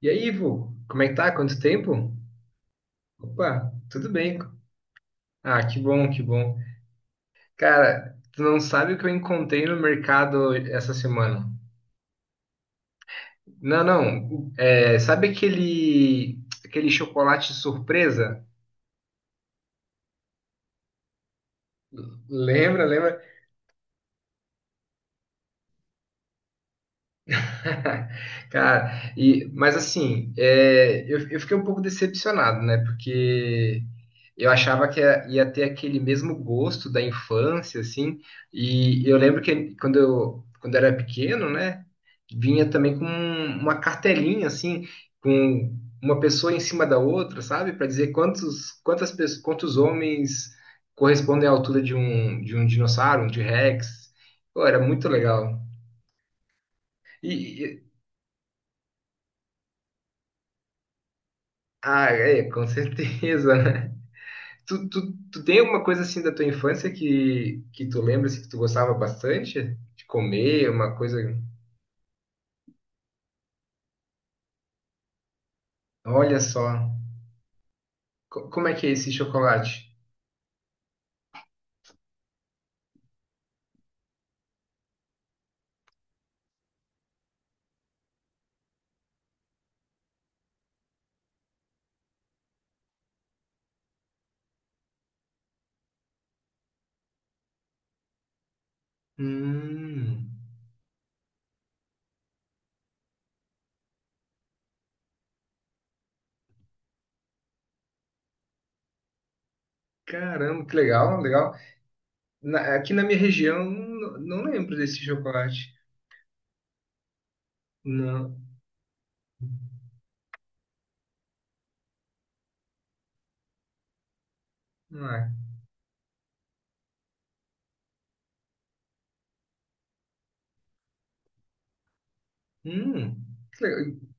E aí, Ivo, como é que tá? Quanto tempo? Opa, tudo bem. Ah, que bom, que bom. Cara, tu não sabe o que eu encontrei no mercado essa semana. Não, não. É, sabe aquele, aquele chocolate surpresa? Lembra, lembra? Cara, mas assim, eu fiquei um pouco decepcionado, né? Porque eu achava que ia ter aquele mesmo gosto da infância, assim. E eu lembro que quando eu era pequeno, né? Vinha também com uma cartelinha, assim, com uma pessoa em cima da outra, sabe? Para dizer quantos homens correspondem à altura de um dinossauro, um T-Rex. Pô, era muito legal. E, Ah, é, com certeza, né? Tu tem alguma coisa assim da tua infância que tu lembra assim, que tu gostava bastante de comer, uma coisa. Olha só, como é que é esse chocolate? Hum, caramba, que legal, legal. Aqui na minha região, não lembro desse chocolate. Não, não é. Hum, que legal.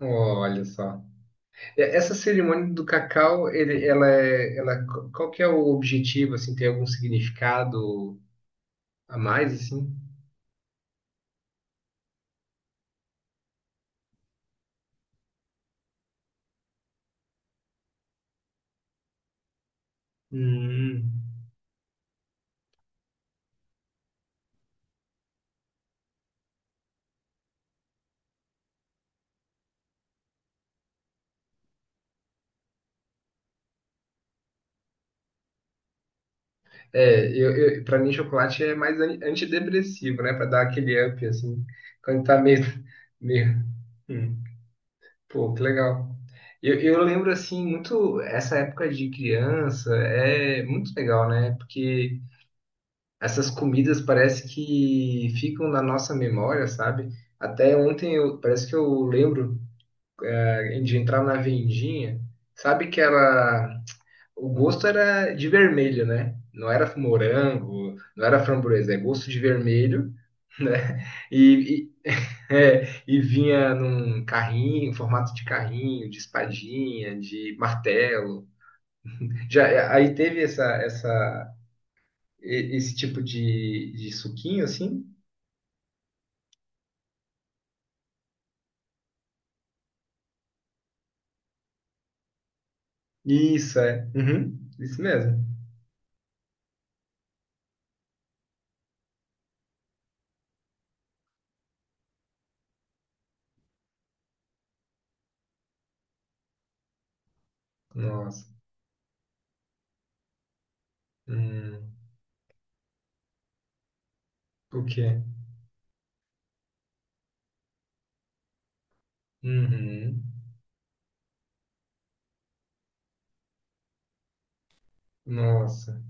Olha só. Essa cerimônia do cacau, ele, ela é, ela, qual que é o objetivo, assim, tem algum significado? A mais, assim. Hum. É, pra mim, chocolate é mais antidepressivo, né? Pra dar aquele up, assim. Quando tá meio. meio... Hum. Pô, que legal. Eu lembro, assim, muito. Essa época de criança é muito legal, né? Porque essas comidas parece que ficam na nossa memória, sabe? Até ontem, parece que eu lembro de entrar na vendinha. Sabe que ela o gosto era de vermelho, né? Não era morango, não era framboesa, é gosto de vermelho, né? E, e, e vinha num carrinho, em formato de carrinho, de espadinha, de martelo. Já, aí teve essa, essa, e- Esse tipo de suquinho, assim? Isso, é. Uhum, isso mesmo. Nossa. Hum, o quê? Uhum. Nossa.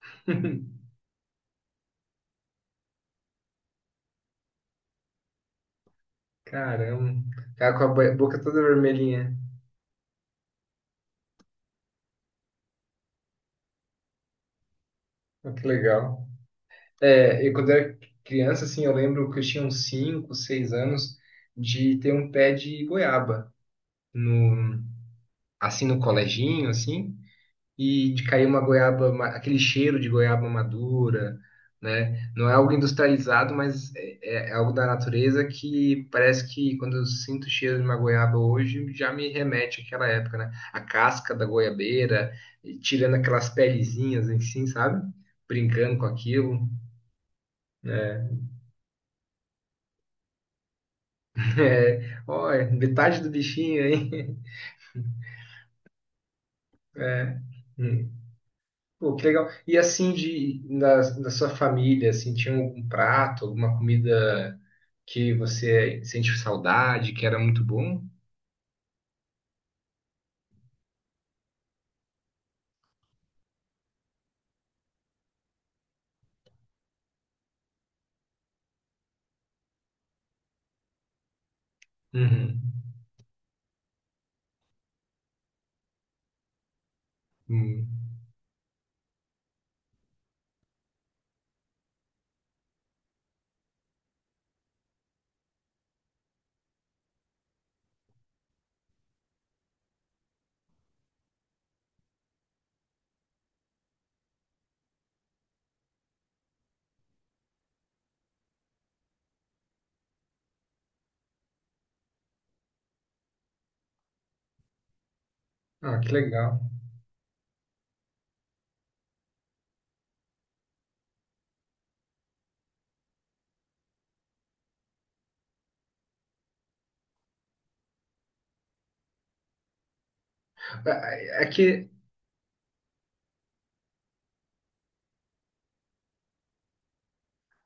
Caramba. Cara com a boca toda vermelhinha. Olha, que legal. É, eu quando era criança, assim, eu lembro que eu tinha uns 5, 6 anos de ter um pé de goiaba no, assim, no coleginho, assim, e de cair uma goiaba, aquele cheiro de goiaba madura, né? Não é algo industrializado, mas é algo da natureza que parece que quando eu sinto o cheiro de uma goiaba hoje, já me remete àquela época, né? A casca da goiabeira, e tirando aquelas pelezinhas, assim, sabe? Brincando com aquilo, né? É, olha, metade do bichinho aí. É. Hum. Pô, que legal. E assim, da sua família, assim, tinha algum prato, alguma comida que você sente saudade, que era muito bom? Uhum. Hum. Ah, que legal. Ah, aqui,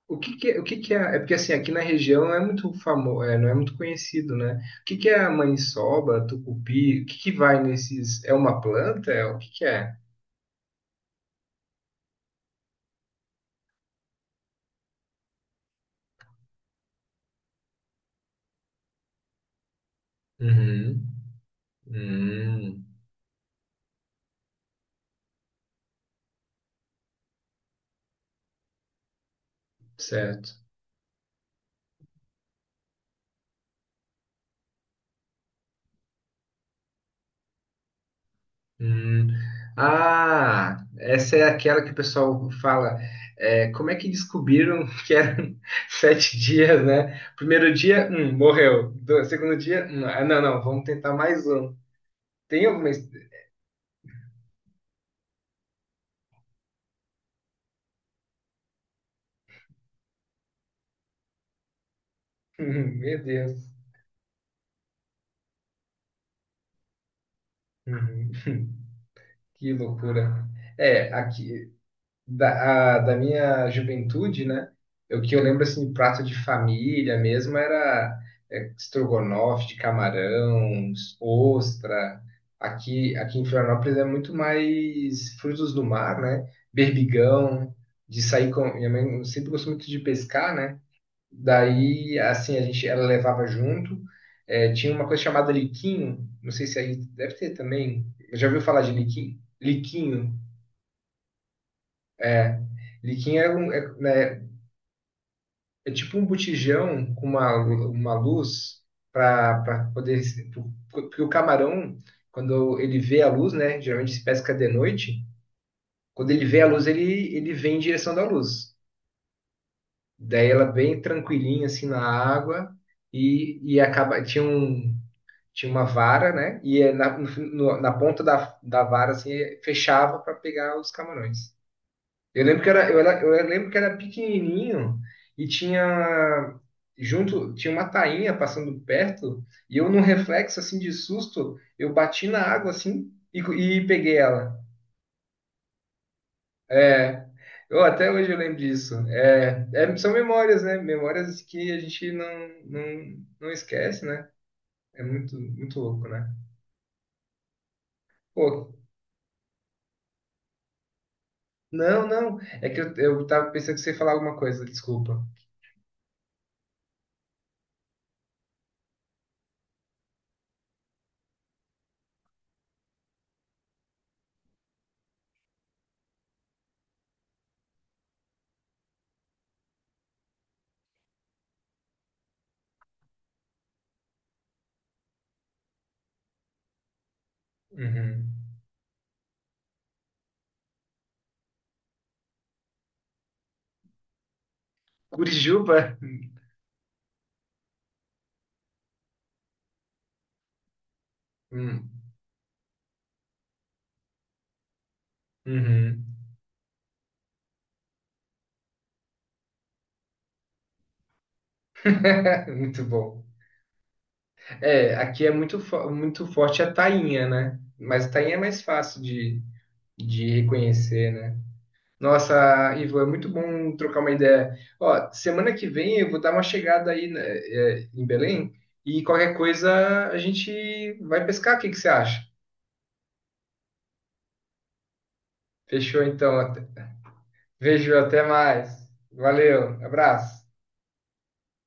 o que que é? É porque assim, aqui na região não é muito famoso, não é muito conhecido, né? O que que é a maniçoba, tucupi? O que que vai nesses? É uma planta? É, o que que é? Uhum. Hum. Certo. Hum. Ah, essa é aquela que o pessoal fala. É, como é que descobriram que eram sete dias, né? Primeiro dia, morreu. Segundo dia, ah, não, não, vamos tentar mais um. Tem alguma Meu Deus. Uhum, que loucura. É, aqui, da minha juventude, né? O que eu lembro, assim, prato de família mesmo era estrogonofe de camarão, ostra. Aqui em Florianópolis é muito mais frutos do mar, né? Berbigão, de sair com... Minha mãe sempre gostou muito de pescar, né? Daí, assim, a gente, ela levava junto. É, tinha uma coisa chamada liquinho, não sei se aí deve ter também. Já ouviu falar de liquinho? Liquinho. Liquinho é, é tipo um botijão com uma luz para poder porque o camarão, quando ele vê a luz, né? Geralmente se pesca de noite. Quando ele vê a luz, ele vem em direção da luz. Daí ela é bem tranquilinha assim na água e acaba. Tinha um, tinha uma vara, né? E é na, na ponta da, da vara assim, fechava para pegar os camarões. Eu lembro que era, eu lembro que era pequenininho e tinha junto, tinha uma tainha passando perto e eu num reflexo assim de susto, eu bati na água assim e peguei ela. É, eu até hoje eu lembro disso. São memórias, né? Memórias que a gente não esquece, né? É muito, muito louco, né? Pô, não, não. É que eu tava pensando que você ia falar alguma coisa, desculpa. Uhum. Curitiba? Hum, Uhum. Muito bom. É, aqui é muito, muito forte a tainha, né? Mas a tainha é mais fácil de reconhecer, né? Nossa, Ivo, é muito bom trocar uma ideia. Ó, semana que vem eu vou dar uma chegada aí, né, em Belém e qualquer coisa a gente vai pescar. O que que você acha? Fechou então. Vejo, até mais. Valeu, abraço.